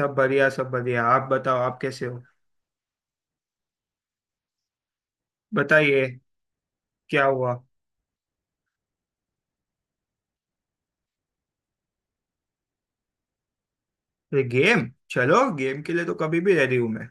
सब बढ़िया सब बढ़िया। आप बताओ, आप कैसे हो? बताइए, क्या हुआ? अरे गेम, चलो गेम के लिए तो कभी भी रेडी हूँ मैं।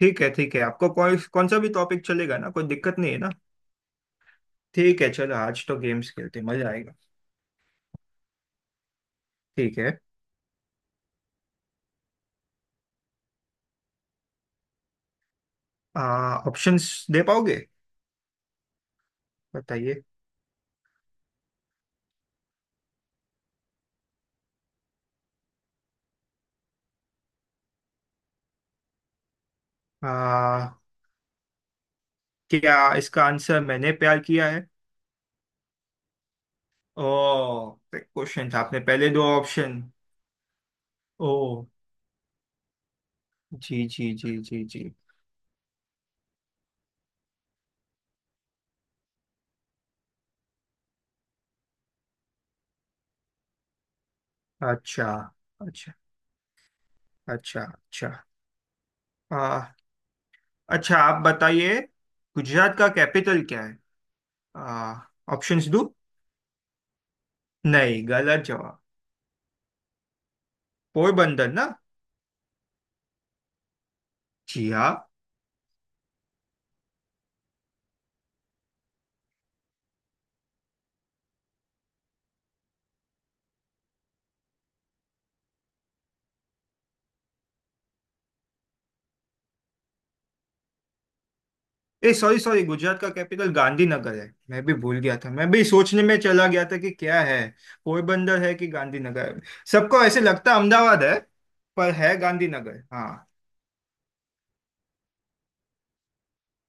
ठीक है ठीक है, आपको कौन कौन सा भी टॉपिक चलेगा ना, कोई दिक्कत नहीं है ना। ठीक है, चलो आज तो गेम्स खेलते हैं, मजा आएगा। ठीक है। आ ऑप्शंस दे पाओगे? बताइए। आ क्या इसका आंसर मैंने प्यार किया है? ओ, क्वेश्चन था आपने पहले दो ऑप्शन। ओ, जी जी जी जी जी। अच्छा अच्छा। अच्छा अच्छा। अच्छा आप बताइए, गुजरात का कैपिटल क्या है? आ, ऑप्शंस दो। नहीं, गलत जवाब। पोरबंदर ना। जी हाँ। ए सॉरी सॉरी, गुजरात का कैपिटल गांधीनगर है। मैं भी भूल गया था, मैं भी सोचने में चला गया था कि क्या है। पोरबंदर है कि गांधीनगर है, सबको ऐसे लगता है अहमदाबाद है। पर है गांधीनगर हाँ।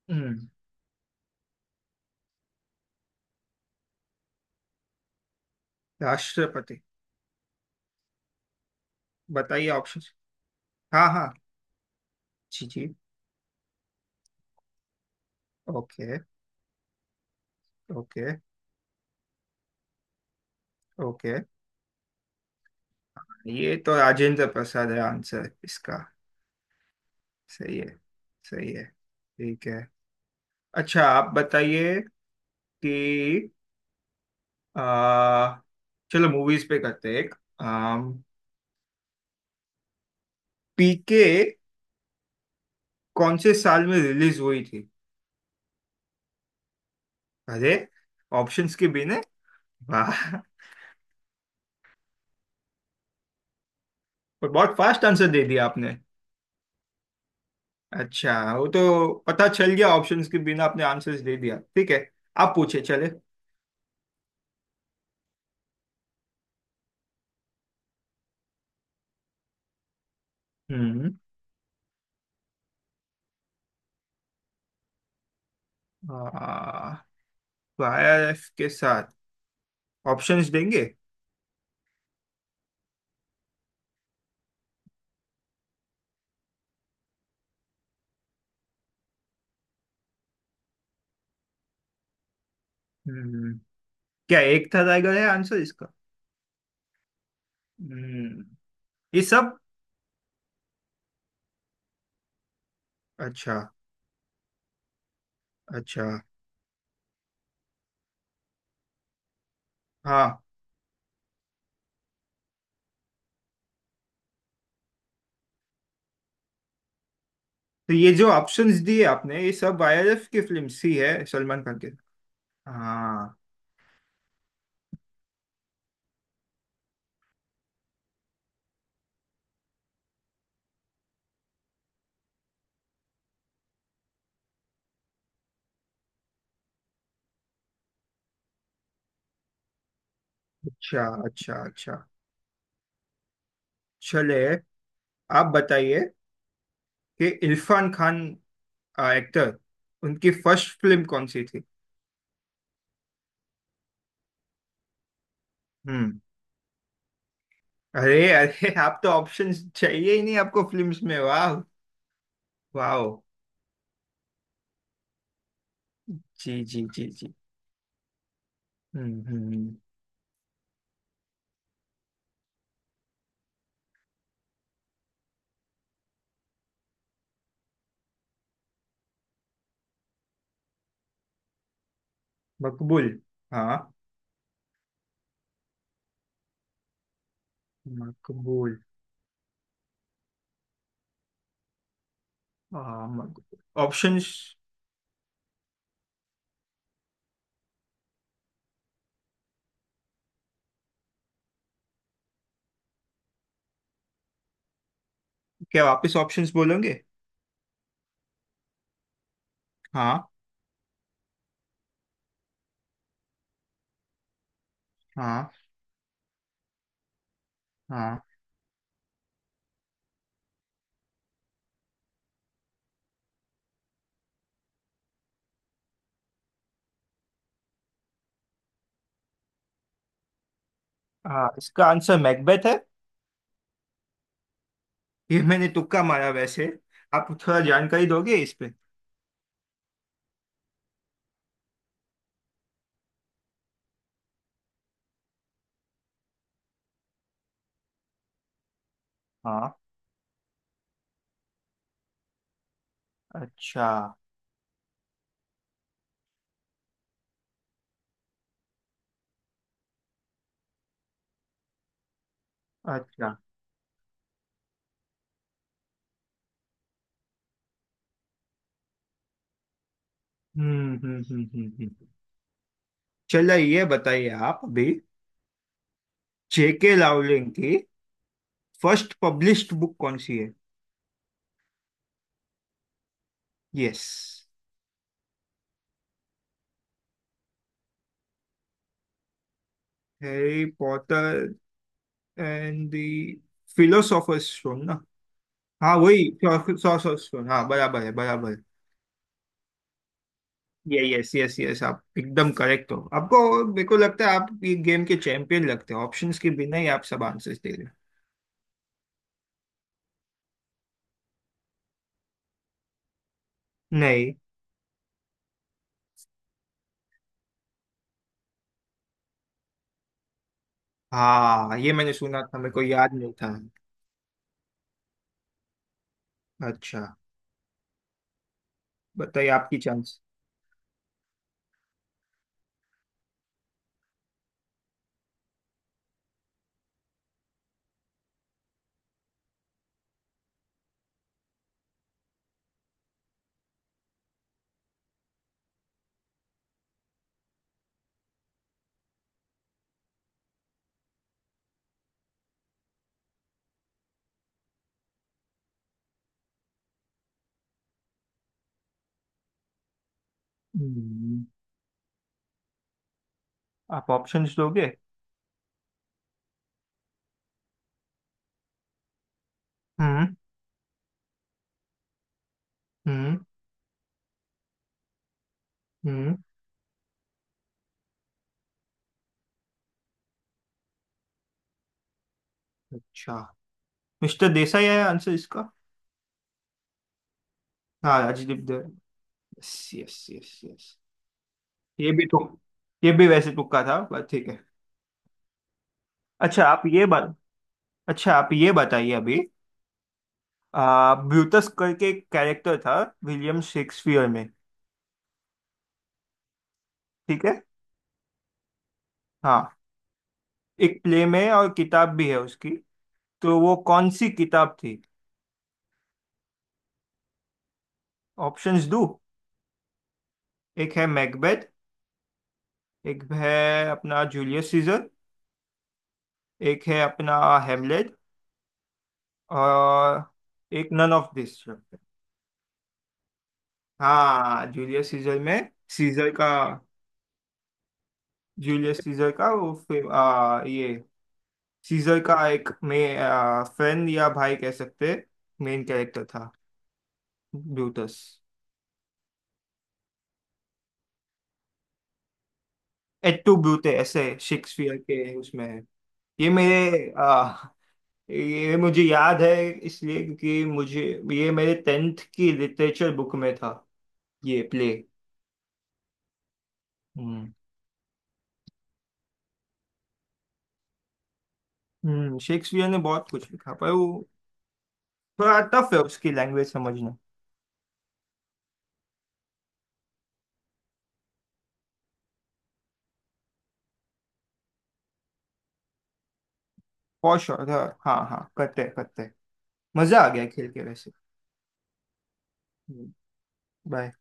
हम्म। राष्ट्रपति। बताइए ऑप्शंस। हाँ हाँ। जी जी। ओके। Okay okay. ये तो राजेंद्र प्रसाद है आंसर इसका। सही है। सही है ठीक है। अच्छा आप बताइए कि आ, चलो मूवीज पे करते हैं एक। पीके कौन से साल में रिलीज हुई थी? अरे, ऑप्शंस के बिना! वाह। और बहुत फास्ट आंसर दे दिया आपने। अच्छा, वो तो पता चल गया ऑप्शंस के बिना आपने आंसर्स दे दिया, ठीक है। आप पूछे चले। हम्म। आ, वायरस के साथ? ऑप्शंस देंगे। हम्म, क्या एक था रहेगा आंसर इसका? हम्म। ये सब। अच्छा। अच्छा। हाँ तो ये जो ऑप्शंस दिए आपने ये सब आईआरएफ की फिल्म सी है सलमान खान के? हाँ। अच्छा अच्छा अच्छा। चले, आप बताइए कि इरफान खान एक्टर, उनकी फर्स्ट फिल्म कौन सी थी? हम्म। अरे अरे, आप तो ऑप्शंस चाहिए ही नहीं आपको फिल्म्स में, वाह। वाह। जी जी जी जी। हम्म। मकबूल। हाँ। मकबूल। हाँ मकबूल, ऑप्शंस। क्या वापस ऑप्शंस बोलोगे? हाँ। हाँ। हाँ। हाँ, इसका आंसर मैकबेथ है। ये मैंने तुक्का मारा वैसे। आप थोड़ा जानकारी दोगे इस पे? हाँ। अच्छा। अच्छा। हम्म हम्म हम्म हम्म हम्म। चलो ये बताइए आप अभी, जेके लावलिंग की फर्स्ट पब्लिश्ड बुक कौन सी है? Yes. Harry Potter and the Philosopher's Stone ना। हाँ वही फिलोसोफर्स स्टोन, हाँ बराबर है बराबर है। यही, यस यस यस, आप एकदम करेक्ट हो। आपको, मेरे को लगता है आप ये गेम के चैंपियन लगते हो, ऑप्शंस के बिना ही आप सब आंसर्स दे रहे हो। नहीं। हाँ ये मैंने सुना था, मेरे को याद नहीं था। अच्छा। बताइए आपकी चांस। हम्म। आप ऑप्शंस दोगे? हम्म। हम्म। हम्म। अच्छा, मिस्टर देसाई है आंसर इसका। हाँ राजदीप दे। Yes yes yes yes. ये भी तो। ये भी वैसे तुक्का था, बट ठीक है। अच्छा आप ये बात। अच्छा आप ये बताइए अभी, ब्रूटस करके एक कैरेक्टर था विलियम शेक्सपियर में। ठीक है। हाँ, एक प्ले में और किताब भी है उसकी। तो वो कौन सी किताब थी? ऑप्शंस दो। एक है मैकबेथ, एक है अपना जूलियस सीजर, एक है अपना हेमलेट, और एक नन ऑफ दिस। हाँ जूलियस सीजर में। सीजर का। जूलियस सीजर का वो ये सीजर का एक में फ्रेंड या भाई कह सकते, मेन कैरेक्टर था। ब्यूटस। एट टू ब्यूटे, ऐसे शेक्सपियर के उसमें है। ये मेरे आ, ये मुझे याद है इसलिए क्योंकि मुझे, ये मेरे टेंथ की लिटरेचर बुक में था ये प्ले। हम्म। हम्म, शेक्सपियर ने बहुत कुछ लिखा पर वो थोड़ा टफ है उसकी लैंग्वेज समझना। फॉर श्योर, हाँ हाँ, करते हैं, करते हैं। मजा आ गया खेल के वैसे। बाय।